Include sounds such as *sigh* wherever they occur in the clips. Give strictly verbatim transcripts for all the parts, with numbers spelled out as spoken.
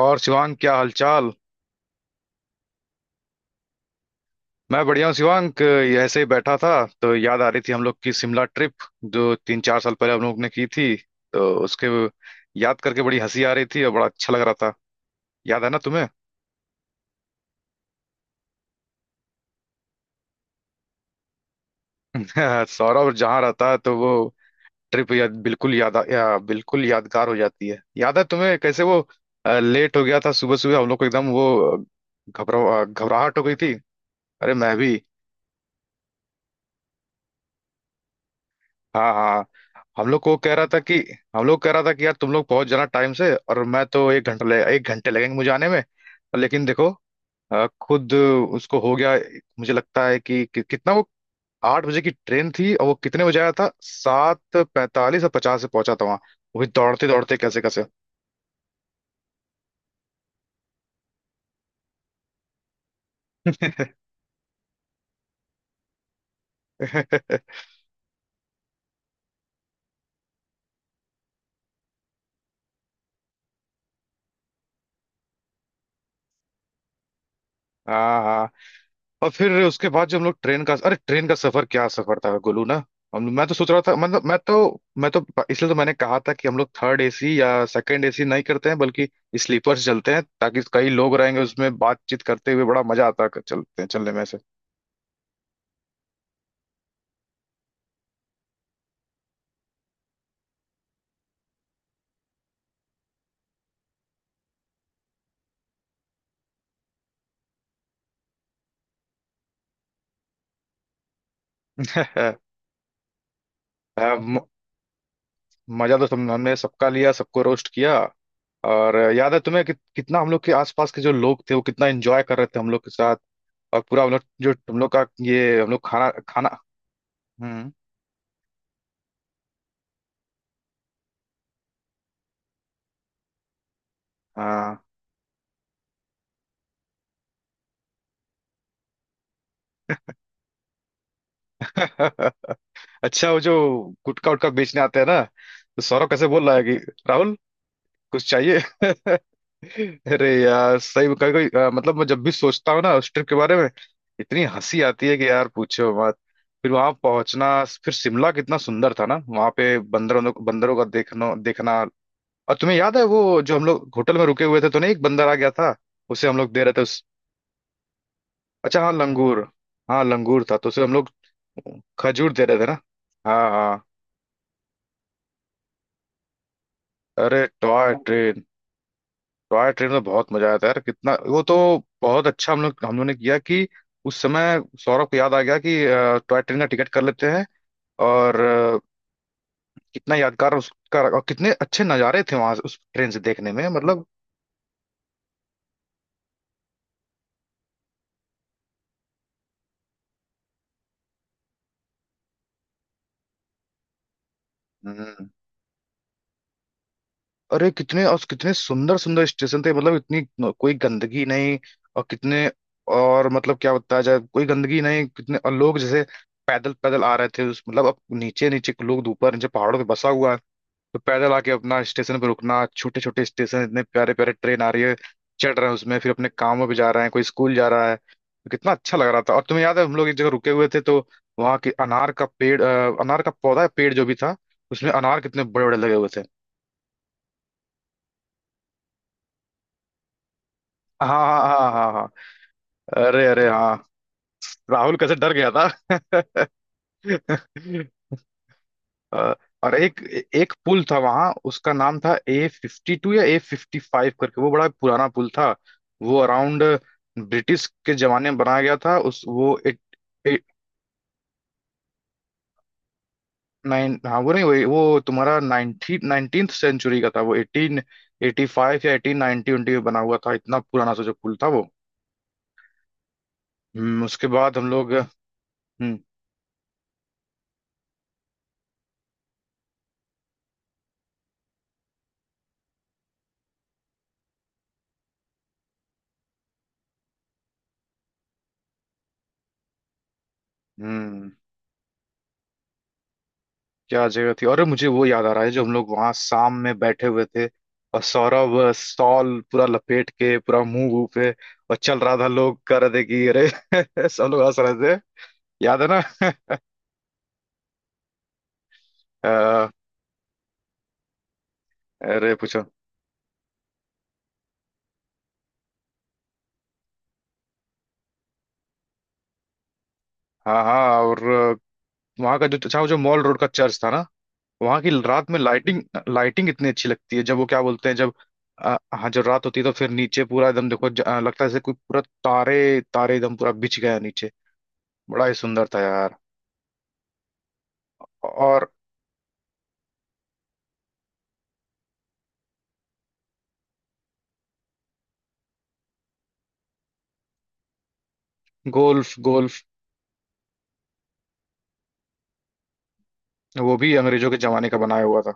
और शिवांग, क्या हालचाल। मैं बढ़िया हूँ शिवांग, ये ऐसे ही बैठा था। तो याद आ रही थी हम लोग की शिमला ट्रिप, जो तीन चार साल पहले हम लोग ने की थी, तो उसके याद करके बड़ी हंसी आ रही थी और बड़ा अच्छा लग रहा था। याद है ना तुम्हें? *laughs* सौरभ जहाँ रहता है तो वो ट्रिप याद बिल्कुल याद आ- या, बिल्कुल यादगार हो जाती है। याद है तुम्हें कैसे वो अ, लेट हो गया था? सुबह सुबह हम लोग को एकदम वो अ, घबरा अ, घबराहट हो गई थी। अरे मैं भी। हाँ हाँ। हम लोग को कह रहा था कि हम लोग कह रहा था कि यार तुम लोग पहुंच जाना टाइम से, और मैं तो एक घंटा लगे एक घंटे लगेंगे मुझे आने में। लेकिन देखो अ, खुद उसको हो गया। मुझे लगता है कि, कि कितना वो आठ बजे की ट्रेन थी, और वो कितने बजे आया था? सात पैंतालीस और पचास से पहुंचा था वहां। वो भी दौड़ते दौड़ते कैसे कैसे। *laughs* हाँ हाँ। और फिर उसके बाद जो हम लोग ट्रेन का अरे ट्रेन का सफर क्या सफर था गोलू ना। हम मैं तो सोच रहा था, मतलब मैं तो मैं तो इसलिए तो मैंने कहा था कि हम लोग थर्ड एसी या सेकंड एसी नहीं करते हैं, बल्कि स्लीपर्स चलते हैं, ताकि कई लोग रहेंगे उसमें, बातचीत करते हुए बड़ा मजा आता है, चलते हैं चलने में से। *laughs* अ, म- मजा तो तुम हमने सबका लिया, सबको रोस्ट किया। और याद है तुम्हें कि, कितना हम लोग के आसपास के जो लोग थे वो कितना एंजॉय कर रहे थे हम लोग के साथ। और पूरा हम लोग जो हम लोग का ये हम लोग खाना खाना। हम्म। हाँ। *laughs* अच्छा वो जो गुटखा उटखा बेचने आते हैं ना, तो सौरभ कैसे बोल रहा है कि राहुल कुछ चाहिए। *laughs* अरे यार सही में कभी कभी अ, मतलब, मैं जब भी सोचता हूँ ना उस ट्रिप के बारे में, इतनी हंसी आती है कि यार पूछो मत। फिर वहां पहुंचना। फिर शिमला कितना सुंदर था ना, वहां पे बंदरों बंदरों का देखना देखना। और तुम्हें याद है वो जो हम लोग होटल में रुके हुए थे, तो नहीं एक बंदर आ गया था, उसे हम लोग दे रहे थे उस। अच्छा हाँ, लंगूर। हाँ लंगूर था तो उसे हम लोग खजूर दे रहे थे ना। हाँ हाँ। अरे टॉय ट्रेन। टॉय ट्रेन में बहुत मजा आया था यार, कितना वो तो बहुत अच्छा हम लोग हम लोगों ने किया कि उस समय सौरभ को याद आ गया कि अ, टॉय ट्रेन का टिकट कर लेते हैं। और अ, कितना यादगार उसका और कितने अच्छे नज़ारे थे वहां उस ट्रेन से देखने में मतलब। हम्म। अरे कितने और कितने सुंदर सुंदर स्टेशन थे, मतलब इतनी न- कोई गंदगी नहीं। और कितने और मतलब क्या बताया जाए, कोई गंदगी नहीं, कितने और लोग जैसे पैदल पैदल आ रहे थे, उस मतलब अब नीचे नीचे लोग ऊपर नीचे पहाड़ों पे बसा हुआ है। तो पैदल आके अपना स्टेशन पर रुकना, छोटे छोटे स्टेशन, इतने प्यारे प्यारे, ट्रेन आ रही है, चढ़ रहे हैं उसमें, फिर अपने कामों पे जा रहे हैं, कोई स्कूल जा रहा है, तो कितना अच्छा लग रहा था। और तुम्हें याद है हम लोग एक जगह रुके हुए थे, तो वहाँ के अनार का पेड़ अ, अनार का पौधा पेड़ जो भी था, उसमें अनार कितने बड़े बड़े लगे हुए थे। हाँ हाँ हाँ हाँ हाँ। अरे अरे हाँ, राहुल कैसे डर गया था। *laughs* अ, और एक एक पुल था वहां, उसका नाम था ए फिफ्टी टू या ए फिफ्टी फाइव करके, वो बड़ा पुराना पुल था। वो अराउंड ब्रिटिश के जमाने में बनाया गया था, उस वो एट, एट नाइन, हाँ वो नहीं, वो वो तुम्हारा नाइनटी नाइनटीन्थ सेंचुरी का था, वो एटीन एटी फाइव या एटीन नाइनटी में बना हुआ था, इतना पुराना सा जो पुल था वो। हम्म, उसके बाद हम लोग। हम्म हम्म। क्या जगह थी, अरे मुझे वो याद आ रहा है जो हम लोग वहां शाम में बैठे हुए थे, और सौरभ अ, शॉल पूरा लपेट के पूरा मुंह वूह पे, और चल रहा था, लोग कह रहे थे कि अरे *laughs* सब लोग हंस रहे थे। याद है ना? *laughs* अ, अरे पूछो। हाँ हाँ, और वहां का जो अच्छा वो जो मॉल रोड का चर्च था ना, वहां की रात में लाइटिंग, लाइटिंग इतनी अच्छी लगती है जब वो क्या बोलते हैं, जब अ, हाँ जब रात होती है तो फिर नीचे पूरा एकदम देखो ज- अ, लगता है जैसे कोई पूरा तारे तारे एकदम पूरा बिछ गया नीचे। बड़ा ही सुंदर था यार। और गोल्फ गोल्फ। वो भी अंग्रेजों के जमाने का बनाया हुआ था।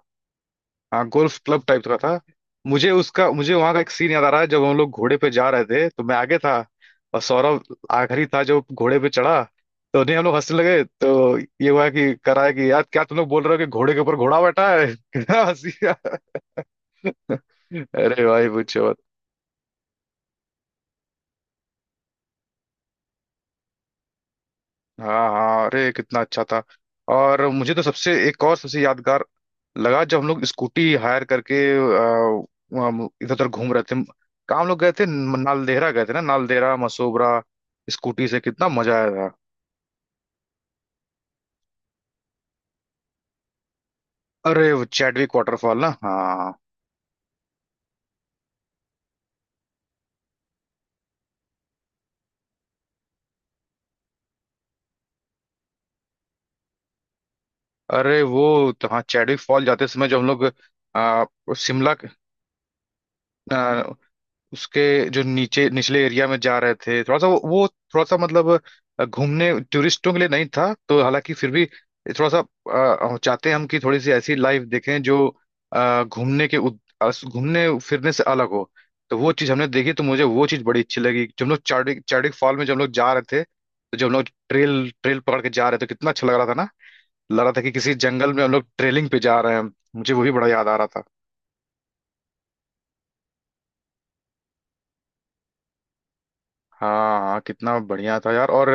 हाँ गोल्फ क्लब टाइप का था। मुझे उसका मुझे वहां का एक सीन याद आ रहा है, जब हम लोग घोड़े पे जा रहे थे तो मैं आगे था, और सौरभ आखिरी था जो घोड़े पे चढ़ा। तो नहीं, हम लोग हंसने लगे, तो ये हुआ कि कराया कि यार क्या तुम लोग बोल रहे हो कि घोड़े के ऊपर घोड़ा बैठा है। *laughs* कितना हंसी आया। *laughs* अरे भाई पूछो। हाँ हाँ। अरे कितना अच्छा था। और मुझे तो सबसे एक और सबसे यादगार लगा जब हम लोग स्कूटी हायर करके अ, वहाँ इधर उधर घूम रहे थे, कहाँ हम लोग गए थे? नालदेहरा गए थे ना, नालदेहरा मसोबरा, स्कूटी से कितना मजा आया था। अरे वो चैडविक वाटरफॉल ना, हाँ। अरे वो तो हाँ, चैडविक फॉल जाते समय जो हम लोग आ, शिमला उसके जो नीचे निचले एरिया में जा रहे थे, थोड़ा सा वो, वो थोड़ा सा मतलब अ, घूमने टूरिस्टों के लिए नहीं था, तो हालांकि फिर भी थोड़ा सा अ, हम चाहते हैं हम कि थोड़ी सी ऐसी लाइफ देखें जो अ, घूमने के उद- अस- घूमने फिरने से अलग हो। तो वो चीज़ हमने देखी, तो मुझे वो चीज़ बड़ी अच्छी लगी, जब हम लोग चार्डिक चार्डिक फॉल में जब हम लोग जा रहे थे, तो जब हम लोग ट्रेल ट्रेल पकड़ के जा रहे थे, कितना अच्छा लग रहा था ना। लग रहा था कि किसी जंगल में हम लोग ट्रेलिंग पे जा रहे हैं। मुझे वो भी बड़ा याद आ रहा था। हाँ हाँ, कितना बढ़िया था यार। और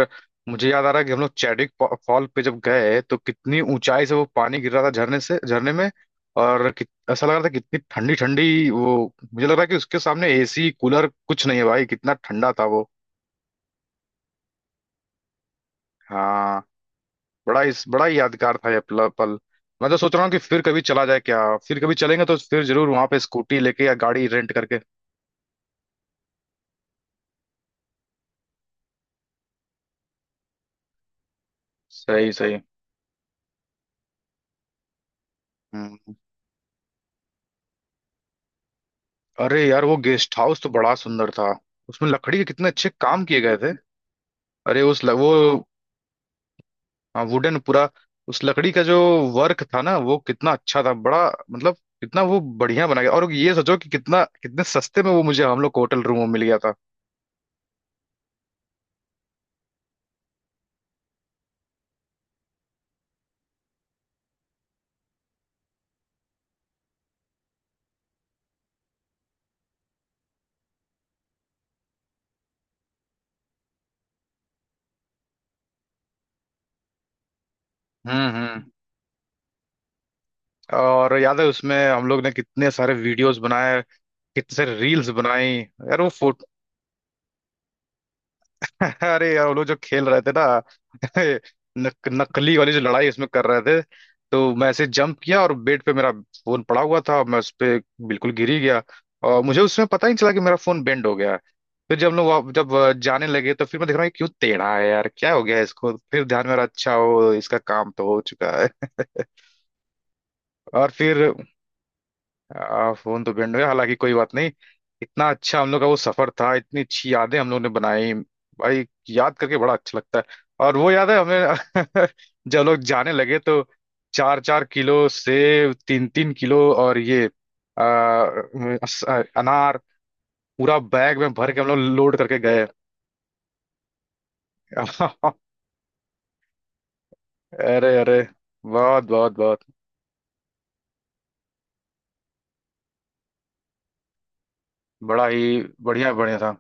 मुझे याद आ रहा है कि हम लोग चैडिक फॉ- फॉल पे जब गए, तो कितनी ऊंचाई से वो पानी गिर रहा था झरने से झरने में। और कित, ऐसा लग रहा था कितनी ठंडी ठंडी वो, मुझे लग रहा है कि उसके सामने एसी कूलर कुछ नहीं है भाई, कितना ठंडा था वो। हाँ। बड़ा इस बड़ा ही यादगार था ये पल पल। मैं तो सोच रहा हूँ कि फिर कभी चला जाए क्या? फिर कभी चलेंगे तो फिर जरूर वहां पे स्कूटी लेके या गाड़ी रेंट करके। सही सही। हम्म। अरे यार वो गेस्ट हाउस तो बड़ा सुंदर था, उसमें लकड़ी के कितने अच्छे काम किए गए थे। अरे उस ल, वो हाँ, वुडन पूरा, उस लकड़ी का जो वर्क था ना, वो कितना अच्छा था बड़ा। मतलब कितना वो बढ़िया बना गया, और ये सोचो कि कितना कितने सस्ते में वो मुझे हम लोग को होटल रूम में मिल गया था। हम्म हम्म। और याद है उसमें हम लोग ने कितने सारे वीडियोस बनाए, कितने सारे रील्स बनाई यार, वो फोटो। *laughs* अरे यार वो लोग जो खेल रहे थे ना, *laughs* नक, नकली वाली जो लड़ाई उसमें कर रहे थे, तो मैं ऐसे जंप किया और बेड पे मेरा फोन पड़ा हुआ था, मैं उस पे बिल्कुल गिर ही गया, और मुझे उसमें पता ही नहीं चला कि मेरा फोन बेंड हो गया है। फिर जब लोग वहाँ- जब अ, जाने लगे तो फिर मैं देख रहा हूँ ये क्यों टेढ़ा है यार, क्या हो गया है इसको, फिर ध्यान में आ रहा अच्छा, हो इसका काम तो हो चुका है। *laughs* और फिर आ, फोन तो बैंड हो गया, हालांकि कोई बात नहीं, इतना अच्छा हम लोग का वो सफर था, इतनी अच्छी यादें हम लोग ने बनाई, भाई याद करके बड़ा अच्छा लगता है। और वो याद है हमें, *laughs* जब लोग जाने लगे तो चार चार किलो सेब, तीन तीन किलो और ये आ, अस- अनार पूरा बैग में भर के हम लोग लोड करके गए। *laughs* अरे अरे, बहुत बहुत बहुत बड़ा ही बढ़िया बढ़िया था।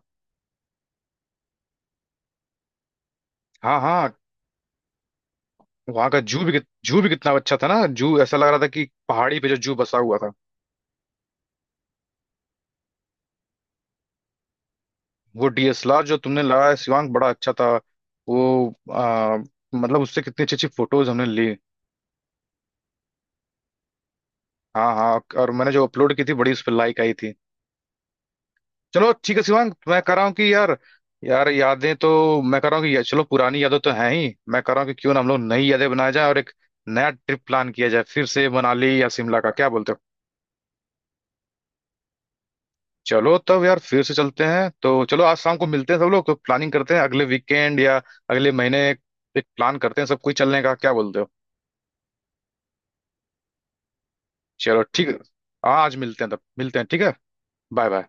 हाँ हाँ। वहां का जू भी कित- जू भी कितना अच्छा था ना, जू ऐसा लग रहा था कि पहाड़ी पे जो जू बसा हुआ था। वो डी एस एल आर जो तुमने लगाया शिवांग बड़ा अच्छा था, वो आ, मतलब उससे कितनी अच्छी अच्छी फोटोज हमने ली। हाँ हाँ, और मैंने जो अपलोड की थी, बड़ी उस पर लाइक आई थी। चलो ठीक है शिवांग, मैं कह रहा हूँ कि यार, यार यादें तो, मैं कह रहा हूँ कि या- चलो पुरानी यादें तो हैं ही, मैं कह रहा हूँ कि क्यों ना हम लोग नई यादें बनाया जाए, और एक नया ट्रिप प्लान किया जाए फिर से, मनाली या शिमला का, क्या बोलते हो? चलो तब यार फिर से चलते हैं, तो चलो आज शाम को मिलते हैं सब लोग तो, प्लानिंग करते हैं अगले वीकेंड या अगले महीने एक प्लान करते हैं सब कोई चलने का, क्या बोलते हो? चलो ठीक है। हाँ आज मिलते हैं तब मिलते हैं ठीक है। Bye bye.